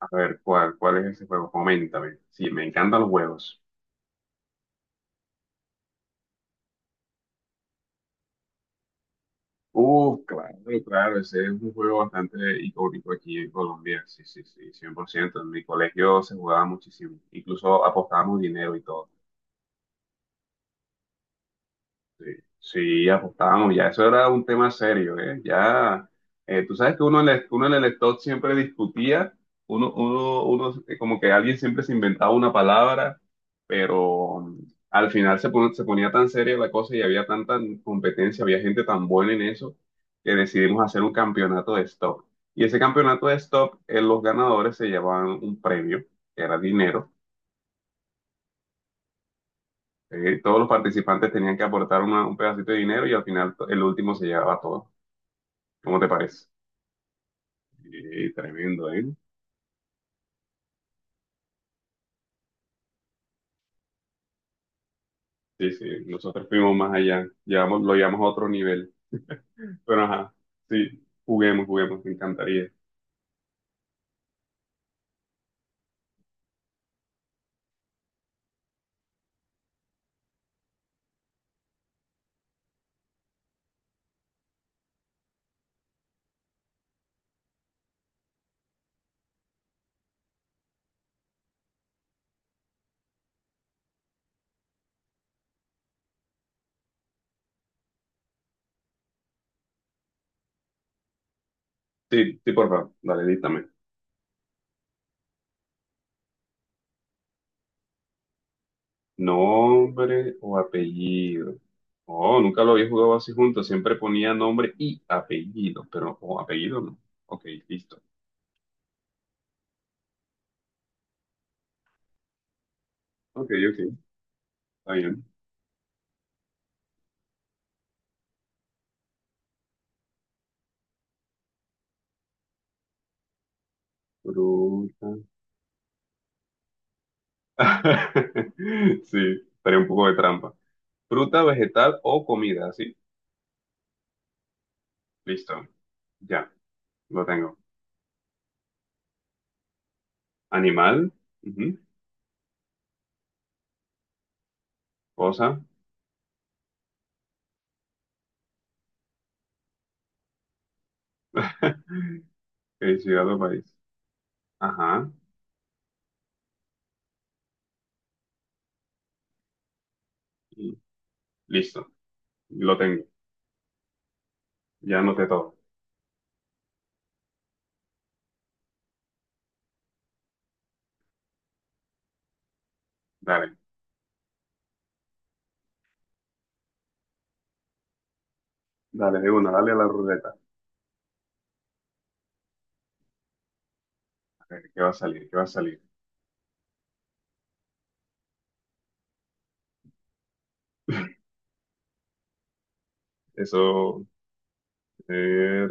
A ver, ¿cuál es ese juego? Coméntame. Sí, me encantan los juegos. Claro, claro, ese es un juego bastante icónico aquí en Colombia. Sí, sí, sí, 100%. En mi colegio se jugaba muchísimo. Incluso apostábamos dinero y todo. Sí, sí, apostábamos, ya eso era un tema serio, ¿eh? Ya, tú sabes que uno en el stock siempre discutía, como que alguien siempre se inventaba una palabra, pero al final se ponía tan seria la cosa y había tanta competencia, había gente tan buena en eso, que decidimos hacer un campeonato de stock. Y ese campeonato de stock, los ganadores se llevaban un premio, que era dinero. Todos los participantes tenían que aportar un pedacito de dinero y al final el último se llevaba todo. ¿Cómo te parece? Tremendo, ¿eh? Sí, sí, nosotros fuimos más allá, lo llevamos a otro nivel. Pero ajá, sí, juguemos, juguemos, me encantaría. Sí, sí, por favor, dale, díctame. Nombre o apellido. Oh, nunca lo había jugado así juntos, siempre ponía nombre y apellido, pero oh, apellido no. Ok, listo. Ok, ok, está bien. Fruta. Sí, estaría un poco de trampa. Fruta, vegetal o comida, sí, listo. Ya. Lo tengo. Animal, ujú. Cosa. Ciudad o país. Ajá, y listo. Lo tengo. Ya anoté todo. Dale, dale de una, dale a la ruleta. A ver, ¿qué va a salir? ¿Qué va a salir? Eso eh,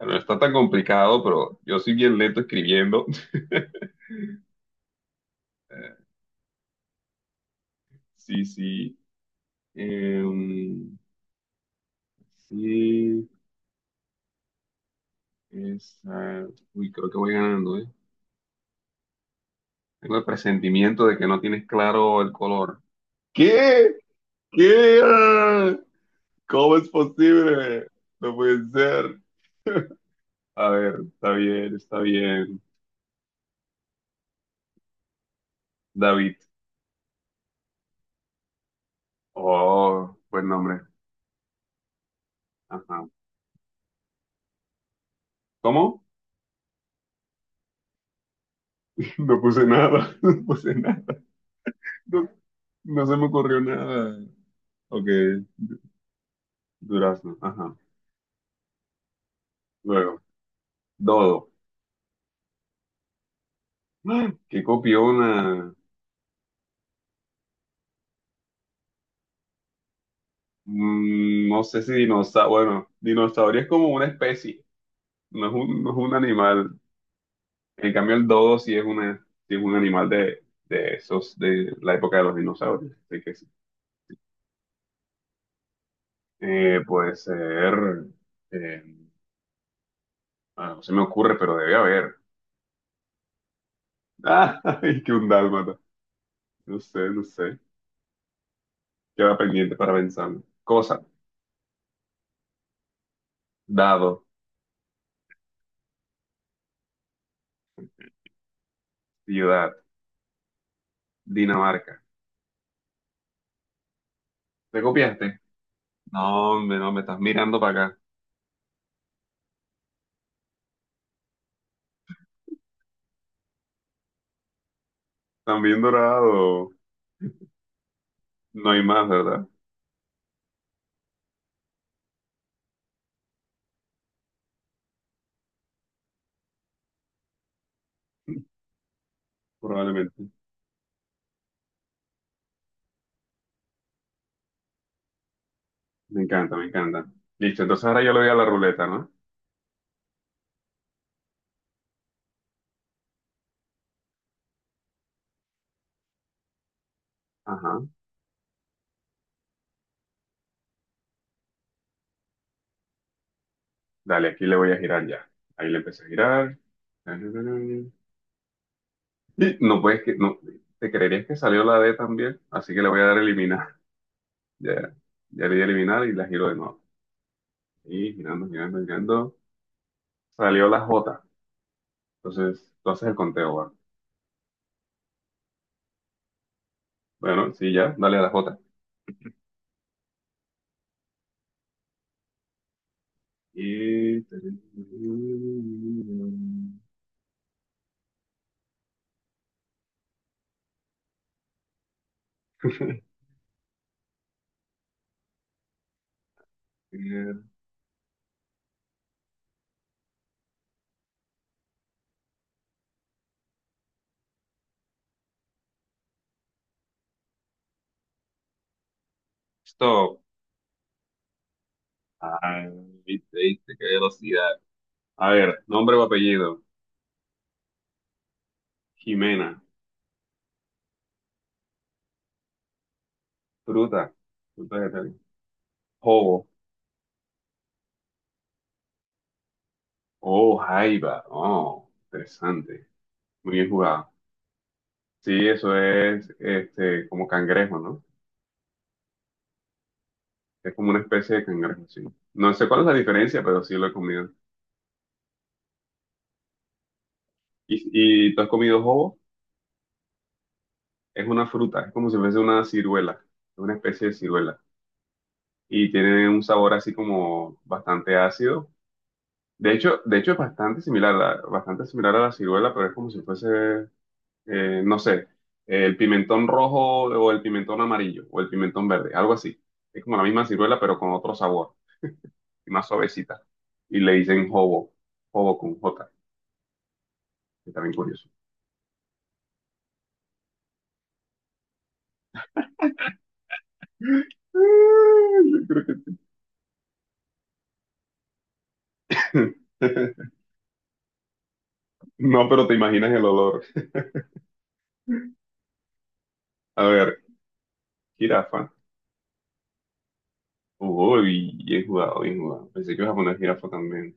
no está tan complicado, pero yo soy bien lento escribiendo. Eh, sí, sí. Em, sí, es, eh, uy, creo que voy ganando, ¿eh? Tengo el presentimiento de que no tienes claro el color. ¿Qué? ¿Qué? ¿Cómo es posible? No puede ser. A ver, está bien, está bien. David. Oh, buen nombre. Ajá. ¿Cómo? No puse nada, no puse nada. No, no se me ocurrió nada. Ok, durazno. Ajá. Luego, dodo. ¡Ah! ¿Qué copiona? No sé si dinosaurio. Bueno, dinosaurio es como una especie, no es un animal. En cambio, el dodo sí es un animal de, esos, de la época de los dinosaurios. Así que sí. Puede ser. eh, no se me ocurre, pero debe haber. ¡Ay, que un dálmata! No sé, no sé. Queda pendiente para pensarlo. Cosa, dado, ciudad, Dinamarca. ¿Te copiaste? No, hombre, no, me estás mirando para acá. También dorado. No hay más, ¿verdad? Probablemente. Me encanta, me encanta. Listo, entonces ahora yo le doy a la ruleta, ¿no? Ajá. Dale, aquí le voy a girar ya. Ahí le empecé a girar. Y no puedes que, no, te creerías que salió la D también, así que le voy a dar a eliminar. Ya, ya le di a eliminar y la giro de nuevo. Y girando, girando, girando. Salió la J. Entonces, tú haces el conteo, ¿va? Bueno, sí, ya, dale a la J. Y… Stop. Ay, viste, viste, qué velocidad. A ver, nombre o apellido. Jimena. Fruta. Fruta de tal. Oh, oh, jaiba. Oh, interesante. Muy bien jugado. Sí, eso es este, como cangrejo, ¿no? Es como una especie de cangrejo, sí. No sé cuál es la diferencia, pero sí lo he comido. ¿Y tú has comido jobo? Es una fruta, es como si fuese una ciruela, es una especie de ciruela. Y tiene un sabor así como bastante ácido. De hecho es bastante similar, bastante similar a la ciruela, pero es como si fuese, no sé, el pimentón rojo o el pimentón amarillo o el pimentón verde, algo así. Es como la misma ciruela, pero con otro sabor y más suavecita. Y le dicen hobo, hobo con J, que está bien curioso. Yo creo que- No, pero te imaginas el olor. A ver, jirafa. Uy, bien jugado, bien jugado. Pensé que ibas a poner jirafa también.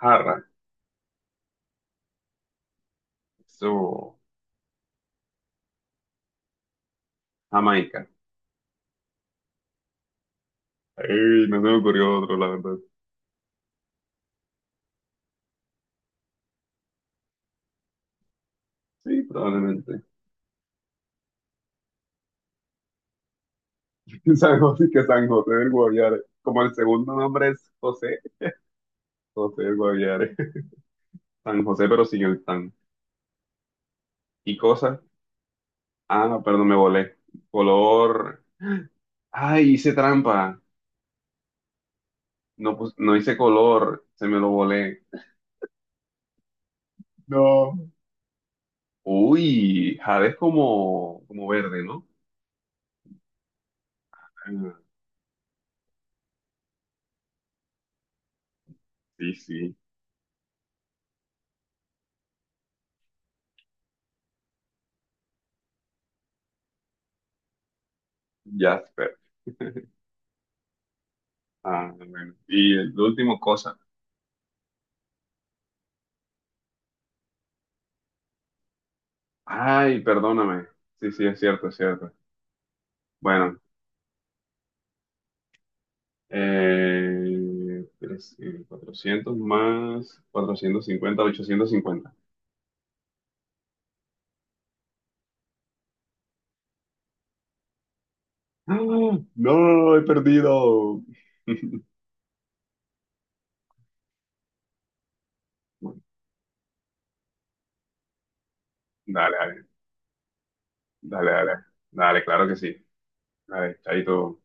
Jarra, eso, Jamaica. Ey, no se me ocurrió otro, la verdad. Sí, probablemente. San José, que San José del Guaviare. Como el segundo nombre es José, José del Guaviare. San José, pero sin el tan. ¿Y cosa? Ah, no, perdón, me volé. Color. Ay, hice trampa. No, no hice color, se me lo volé. No. Uy, jade es como verde, ¿no? Ah, sí, sí. Jasper. Ah, bueno. Y el último cosa. Ay, perdóname. Sí, sí, es cierto, es cierto. Bueno. 400 más 450, 850. ¡Ah! No, he perdido. Bueno, dale, dale, dale, dale, dale, claro que sí. Dale, chaito.